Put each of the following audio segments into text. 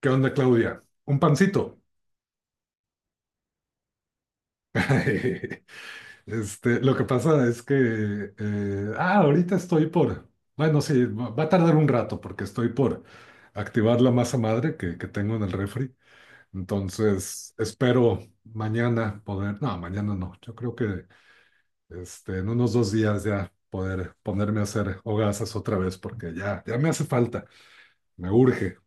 ¿Qué onda, Claudia? Un pancito. Lo que pasa es que, ahorita estoy por, bueno, sí, va a tardar un rato porque estoy por activar la masa madre que tengo en el refri. Entonces, espero mañana poder, no, mañana no, yo creo que en unos 2 días ya poder ponerme a hacer hogazas otra vez porque ya me hace falta, me urge.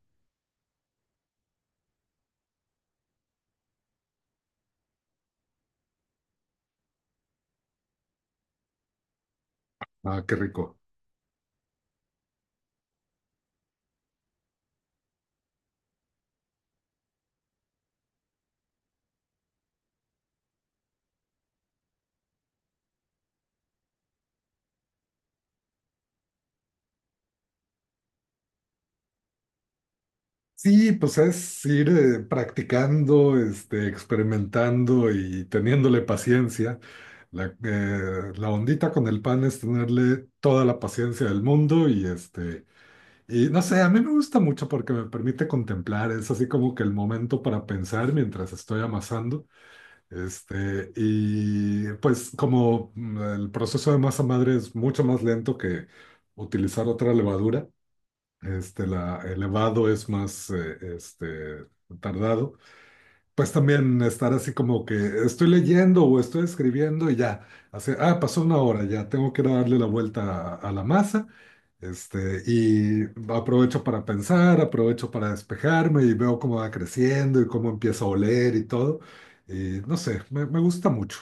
Ah, qué rico. Sí, pues es ir practicando, experimentando y teniéndole paciencia. La ondita con el pan es tenerle toda la paciencia del mundo y no sé, a mí me gusta mucho porque me permite contemplar, es así como que el momento para pensar mientras estoy amasando, y pues como el proceso de masa madre es mucho más lento que utilizar otra levadura elevado es más, tardado. Pues también estar así como que estoy leyendo o estoy escribiendo y ya, hace, pasó una hora, ya tengo que ir a darle la vuelta a la masa, este, y aprovecho para pensar, aprovecho para despejarme y veo cómo va creciendo y cómo empieza a oler y todo. Y no sé, me gusta mucho.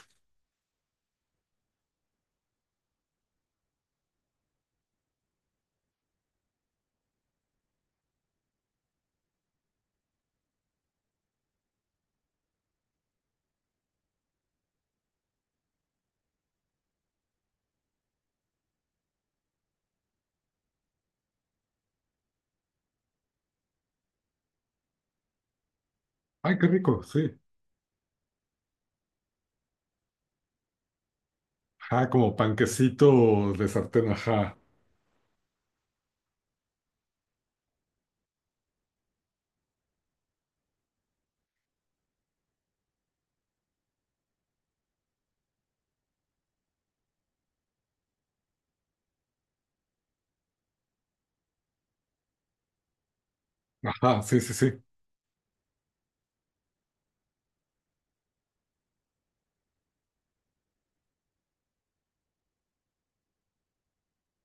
Ay, qué rico, sí. Ajá, como panquecito de sartén, ajá. Ajá, sí, sí, sí.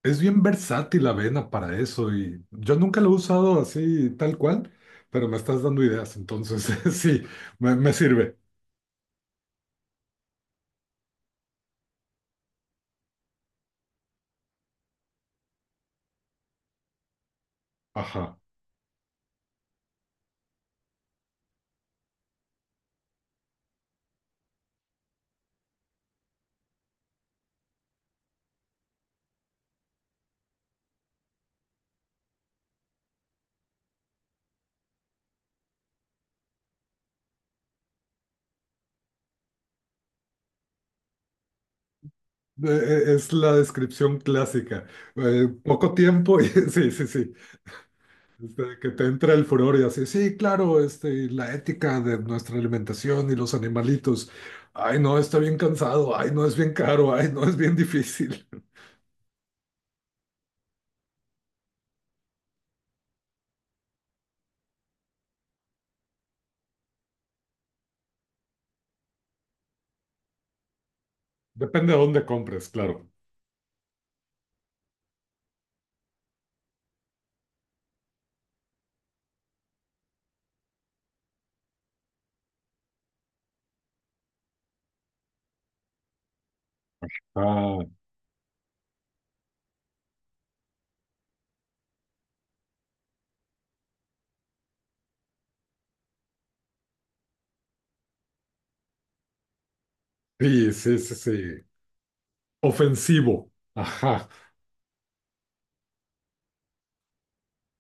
Es bien versátil la avena para eso y yo nunca lo he usado así tal cual, pero me estás dando ideas, entonces sí, me sirve. Ajá. Es la descripción clásica. Poco tiempo y sí, sí, sí. Que te entra el furor y así, sí, claro, y la ética de nuestra alimentación y los animalitos. Ay, no, está bien cansado. Ay, no, es bien caro. Ay, no, es bien difícil. Depende de dónde compres, claro. Ah, sí, sí, sí, sí. Ofensivo. Ajá.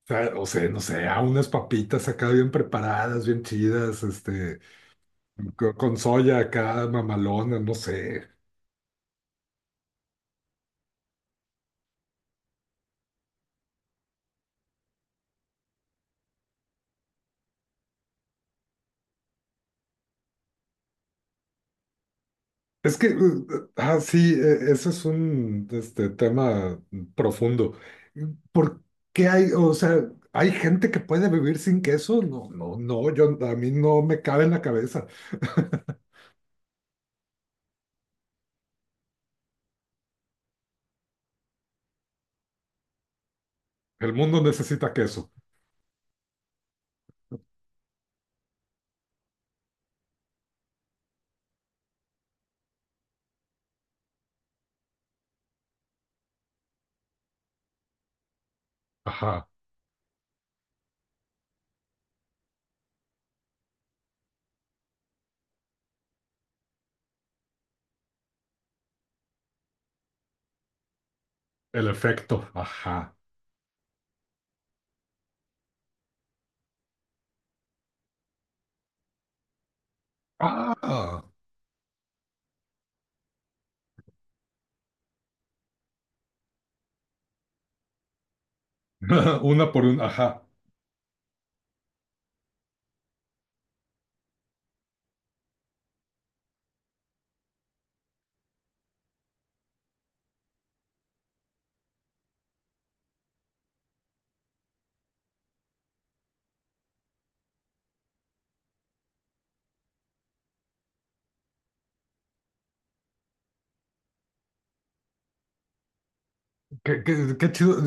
O sea, no sé, a unas papitas acá bien preparadas, bien chidas, con soya acá, mamalona, no sé. Es que, sí, eso es un tema profundo. ¿Por qué hay, o sea, hay gente que puede vivir sin queso? No, a mí no me cabe en la cabeza. El mundo necesita queso. Ajá. El efecto. Ajá. Ah. Una por una. Ajá. Qué chido.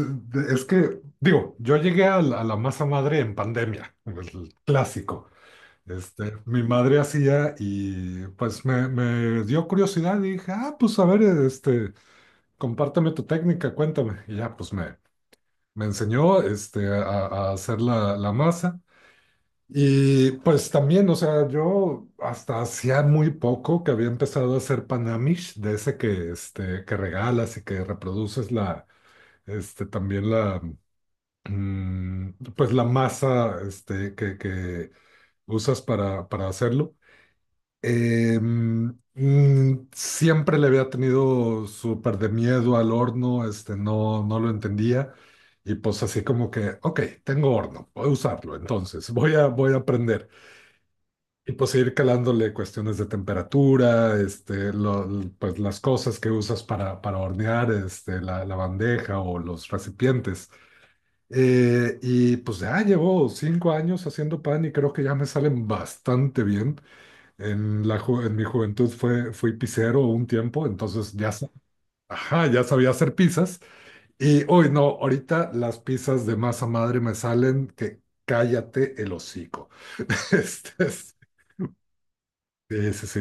Es que, digo, yo llegué a a la masa madre en pandemia, el clásico. Mi madre hacía y pues me dio curiosidad y dije, ah, pues a ver, compárteme tu técnica, cuéntame. Y ya, me enseñó a hacer la masa. Y pues también, o sea, yo hasta hacía muy poco que había empezado a hacer panamish, de ese que, que regalas y que reproduces la, este, también la mm, pues la masa que usas para hacerlo. Siempre le había tenido súper de miedo al horno, no lo entendía. Y pues así como que, ok, tengo horno, voy a usarlo, entonces voy a aprender. Y pues ir calándole cuestiones de temperatura, pues las cosas que usas para hornear, la bandeja o los recipientes. Y pues ya llevo 5 años haciendo pan y creo que ya me salen bastante bien. En mi juventud fui pizzero un tiempo, entonces ya, ajá, ya sabía hacer pizzas. Y hoy no, ahorita las pizzas de masa madre me salen que cállate el hocico. Este, sí, sí, sí,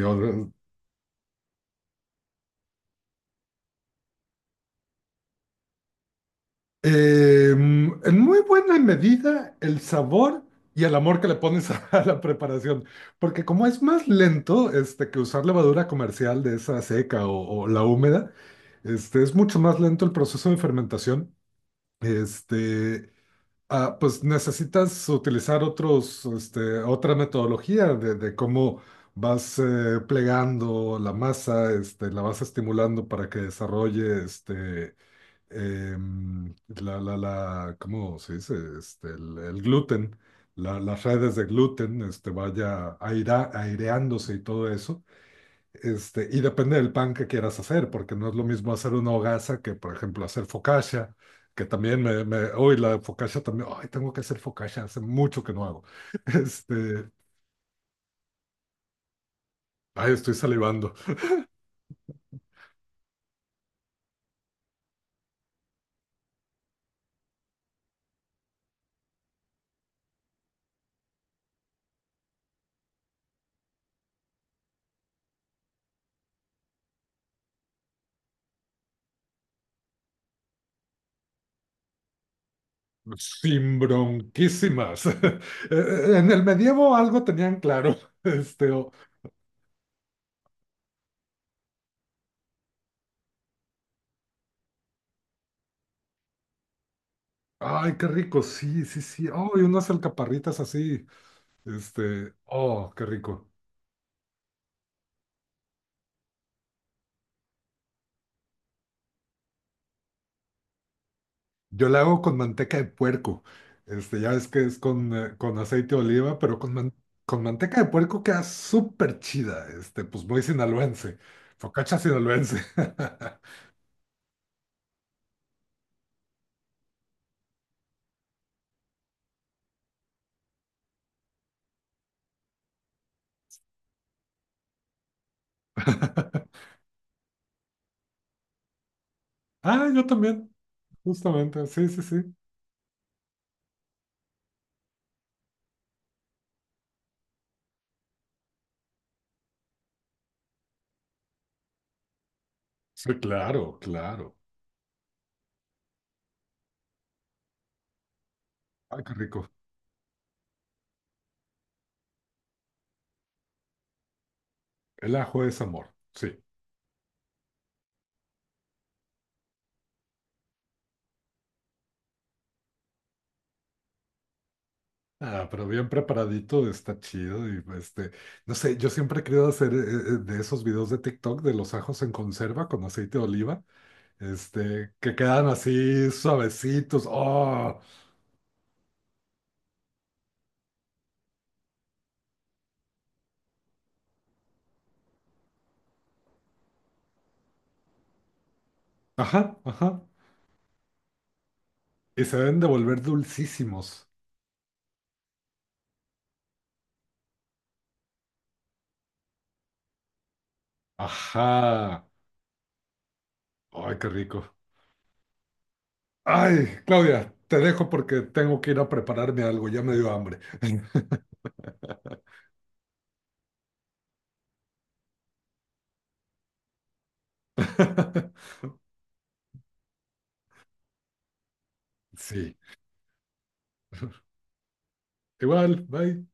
en muy buena medida el sabor y el amor que le pones a la preparación, porque como es más lento que usar levadura comercial de esa seca o la húmeda, es mucho más lento el proceso de fermentación. Este, pues necesitas utilizar otros, otra metodología de cómo vas plegando la masa, la vas estimulando para que desarrolle ¿cómo se dice? El gluten, las redes de gluten, aireándose y todo eso. Y depende del pan que quieras hacer, porque no es lo mismo hacer una hogaza que, por ejemplo, hacer focaccia, que también uy, la focaccia también, ay, tengo que hacer focaccia, hace mucho que no hago. Este, Ay, estoy salivando. Sin bronquísimas. En el medievo algo tenían claro. Este, o, Ay, qué rico, sí, sí, sí. Oh, y unas alcaparritas así. Oh, qué rico. Yo la hago con manteca de puerco. Ya ves que es con aceite de oliva, pero con manteca de puerco queda súper chida. Pues muy sinaloense. Focacha sinaloense. Ah, yo también, justamente. Sí, sí, sí. Sí, claro, claro. Ay, qué rico. El ajo es amor. Sí. Ah, pero bien preparadito, está chido y no sé, yo siempre he querido hacer de esos videos de TikTok de los ajos en conserva con aceite de oliva, que quedan así suavecitos, oh, ajá, ajá, y se deben de volver dulcísimos, ajá, ay, qué rico. Ay, Claudia, te dejo porque tengo que ir a prepararme algo, ya me dio hambre. Sí, igual, bye.